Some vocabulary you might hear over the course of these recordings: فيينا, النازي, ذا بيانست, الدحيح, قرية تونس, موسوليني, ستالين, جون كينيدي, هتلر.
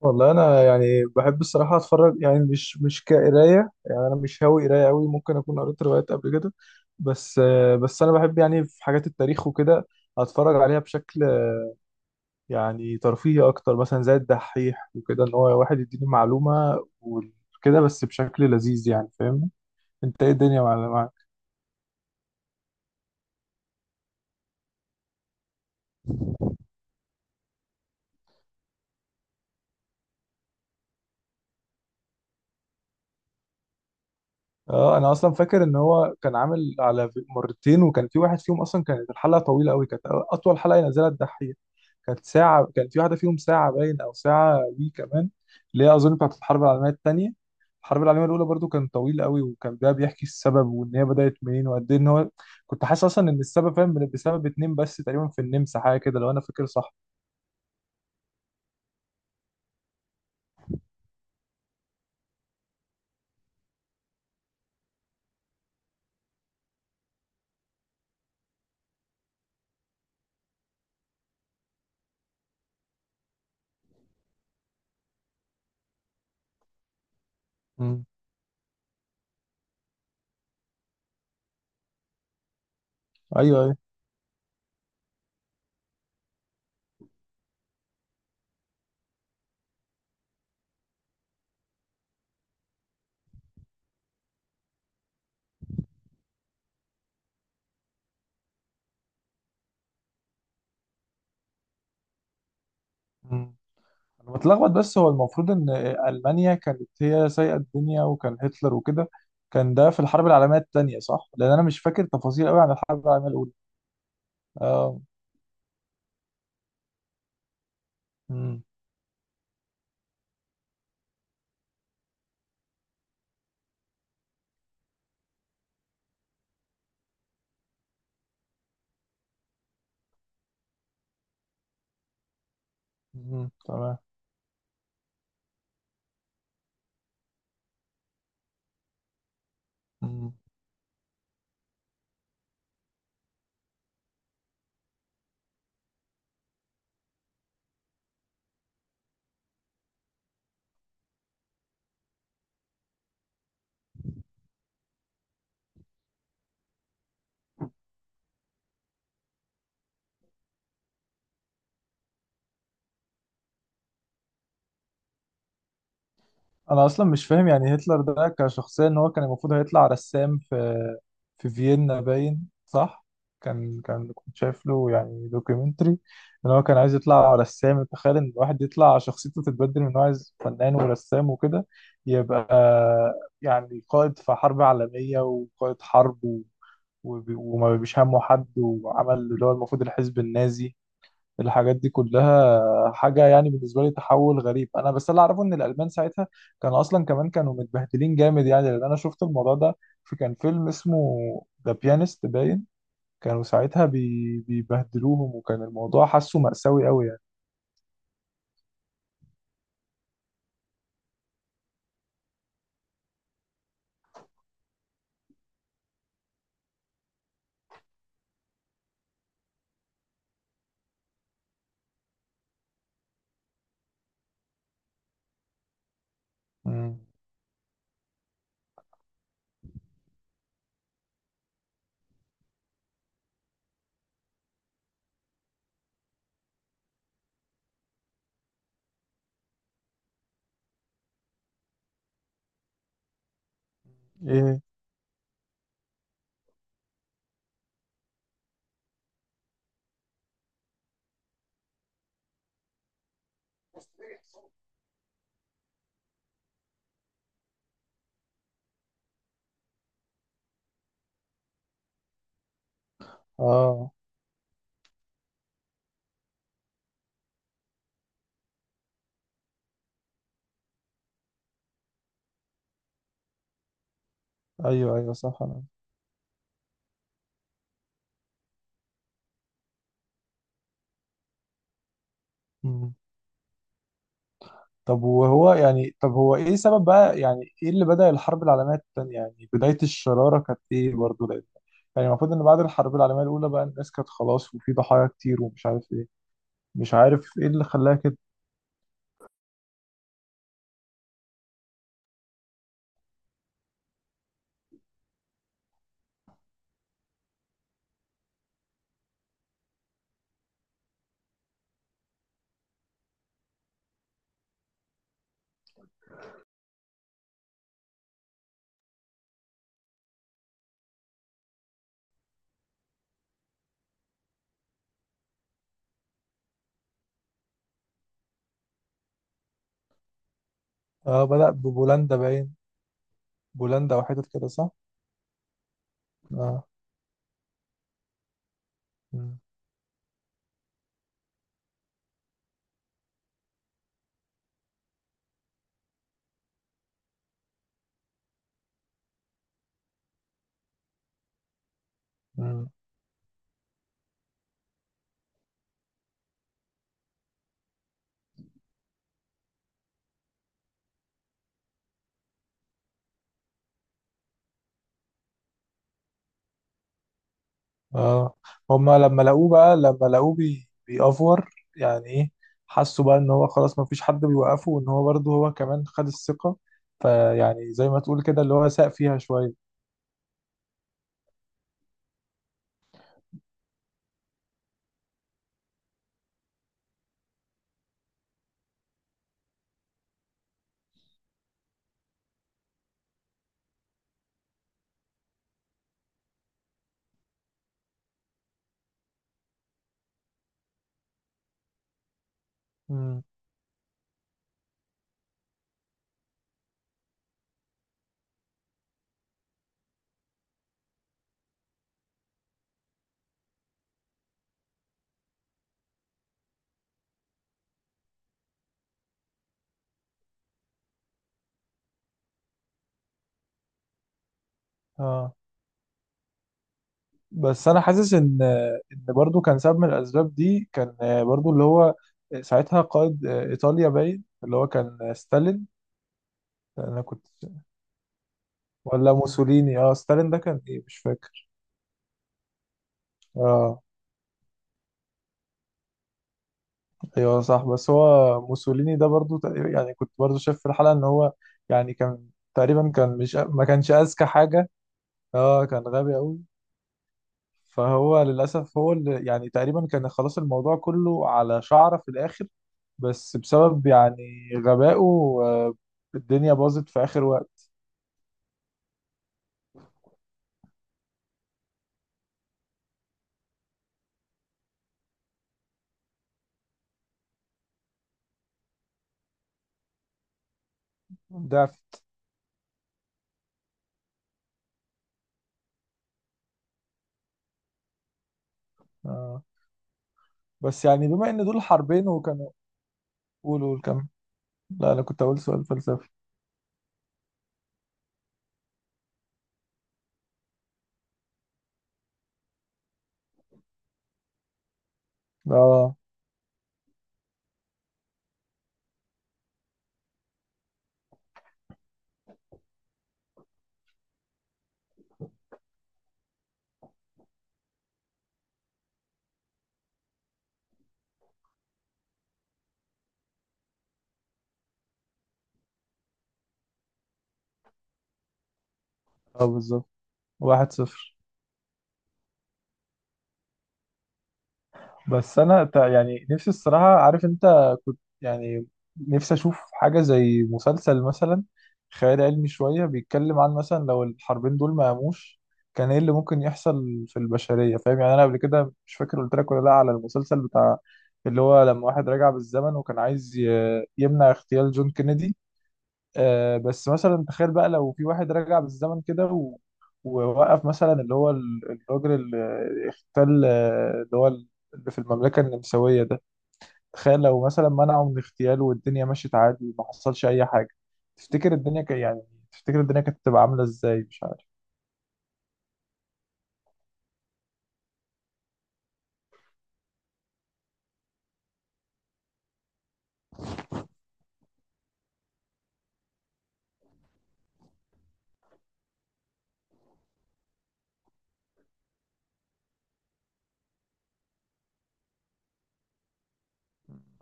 والله انا يعني بحب الصراحه اتفرج يعني مش كقرايه. يعني انا مش هاوي قرايه قوي. ممكن اكون قريت روايات قبل كده. بس. بس انا بحب يعني في حاجات التاريخ وكده. اتفرج عليها بشكل يعني ترفيهي اكتر، مثلا زي الدحيح وكده، ان هو واحد يديني معلومه وكده بس بشكل لذيذ يعني. فاهمني؟ انت ايه الدنيا معاك؟ اه انا اصلا فاكر ان هو كان عامل على مرتين، وكان في واحد فيهم اصلا كانت الحلقه طويله قوي، كانت اطول حلقه ينزلها الدحيح. كانت ساعة، كان في واحدة فيهم ساعة باين أو ساعة وي كمان، اللي هي أظن بتاعت الحرب العالمية التانية. الحرب العالمية الأولى برضو كان طويل قوي، وكان ده بيحكي السبب وإن هي بدأت منين وقد إيه إن هو كنت حاسس أصلا إن السبب فاهم بسبب اتنين بس، تقريبا في النمسا حاجة كده لو أنا فاكر صح. مم. أيوه أيوه. مم. أنا بتلخبط، بس هو المفروض إن ألمانيا كانت هي سايقة الدنيا، وكان هتلر وكده. كان ده في الحرب العالمية التانية صح؟ لأن أنا مش فاكر تفاصيل قوي عن الحرب العالمية الأولى. آه. مم. مم. تمام. انا اصلا مش فاهم يعني هتلر ده كشخصيه ان هو كان المفروض هيطلع رسام في في فيينا باين صح. كان كان كنت شايف له يعني دوكيومنتري ان هو كان عايز يطلع رسام. تخيل ان الواحد يطلع شخصيته تتبدل من إن هو عايز فنان ورسام وكده، يبقى يعني قائد في حرب عالميه وقائد حرب وما بيش همه حد، وعمل اللي هو المفروض الحزب النازي. الحاجات دي كلها حاجة يعني بالنسبة لي تحول غريب. أنا بس اللي أعرفه إن الألمان ساعتها كانوا أصلا كمان كانوا متبهدلين جامد يعني، لأن أنا شفت الموضوع ده في كان فيلم اسمه ذا بيانست باين. كانوا ساعتها بيبهدلوهم، وكان الموضوع حاسه مأساوي أوي يعني. مم. إيه. آه. أيوه أيوه صح. أنا. مم. طب وهو يعني طب هو ايه سبب بقى؟ يعني ايه اللي بدأ الحرب العالمية التانية؟ يعني بداية الشرارة كانت ايه برضه؟ لأن يعني المفروض ان بعد الحرب العالمية الأولى بقى الناس كانت خلاص، وفي ضحايا كتير ومش عارف ايه. مش عارف ايه اللي خلاها كده. اه بدأ ببولندا باين. بولندا او حتت كده صح؟ اه. مم. مم. اه. هما لما لقوه بيأفور، يعني ايه؟ حسوا بقى ان هو خلاص ما فيش حد بيوقفه، وان هو برضه هو كمان خد الثقة، فيعني زي ما تقول كده اللي هو ساق فيها شوية. مم. اه. بس انا حاسس ان ان برضو كان سبب من الاسباب دي، كان برضو اللي هو ساعتها قائد ايطاليا باين، اللي هو كان ستالين. انا كنت. ولا موسوليني، اه ستالين ده كان ايه مش فاكر. اه ايوه صح. بس هو موسوليني ده برضو يعني كنت برضو شايف في الحلقة ان هو يعني كان تقريبا كان مش ما كانش اذكى حاجة. اه كان غبي قوي. فهو للأسف هو اللي يعني تقريبا كان خلاص الموضوع كله على شعرة في الآخر، بس بسبب يعني غبائه الدنيا باظت في آخر وقت. ضعفت. آه. بس يعني بما إن دول حربين، وكانوا. قولوا الكم. لا أنا كنت أقول سؤال فلسفي. اه. اه بالظبط. 1-0. بس انا يعني نفسي الصراحه، عارف انت كنت يعني نفسي اشوف حاجه زي مسلسل مثلا خيال علمي شويه بيتكلم عن مثلا لو الحربين دول ما قاموش، كان ايه اللي ممكن يحصل في البشريه؟ فاهم يعني؟ انا قبل كده مش فاكر قلت لك ولا لا على المسلسل بتاع اللي هو لما واحد رجع بالزمن وكان عايز يمنع اغتيال جون كينيدي. آه بس مثلا تخيل بقى لو في واحد رجع بالزمن كده ووقف مثلا اللي هو الراجل اللي اختل اللي هو اللي في المملكة النمساوية ده، تخيل لو مثلا منعه من اغتياله والدنيا مشيت عادي وما حصلش أي حاجة. تفتكر الدنيا يعني تفتكر الدنيا كانت تبقى عاملة ازاي مش عارف؟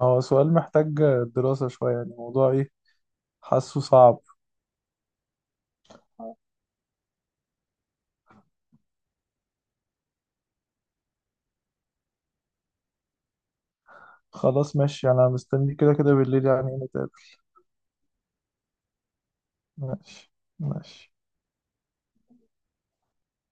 هو سؤال محتاج دراسة شوية يعني الموضوع ايه. حاسه صعب. خلاص ماشي أنا مستني كده كده بالليل يعني نتقابل. ماشي. ماشي.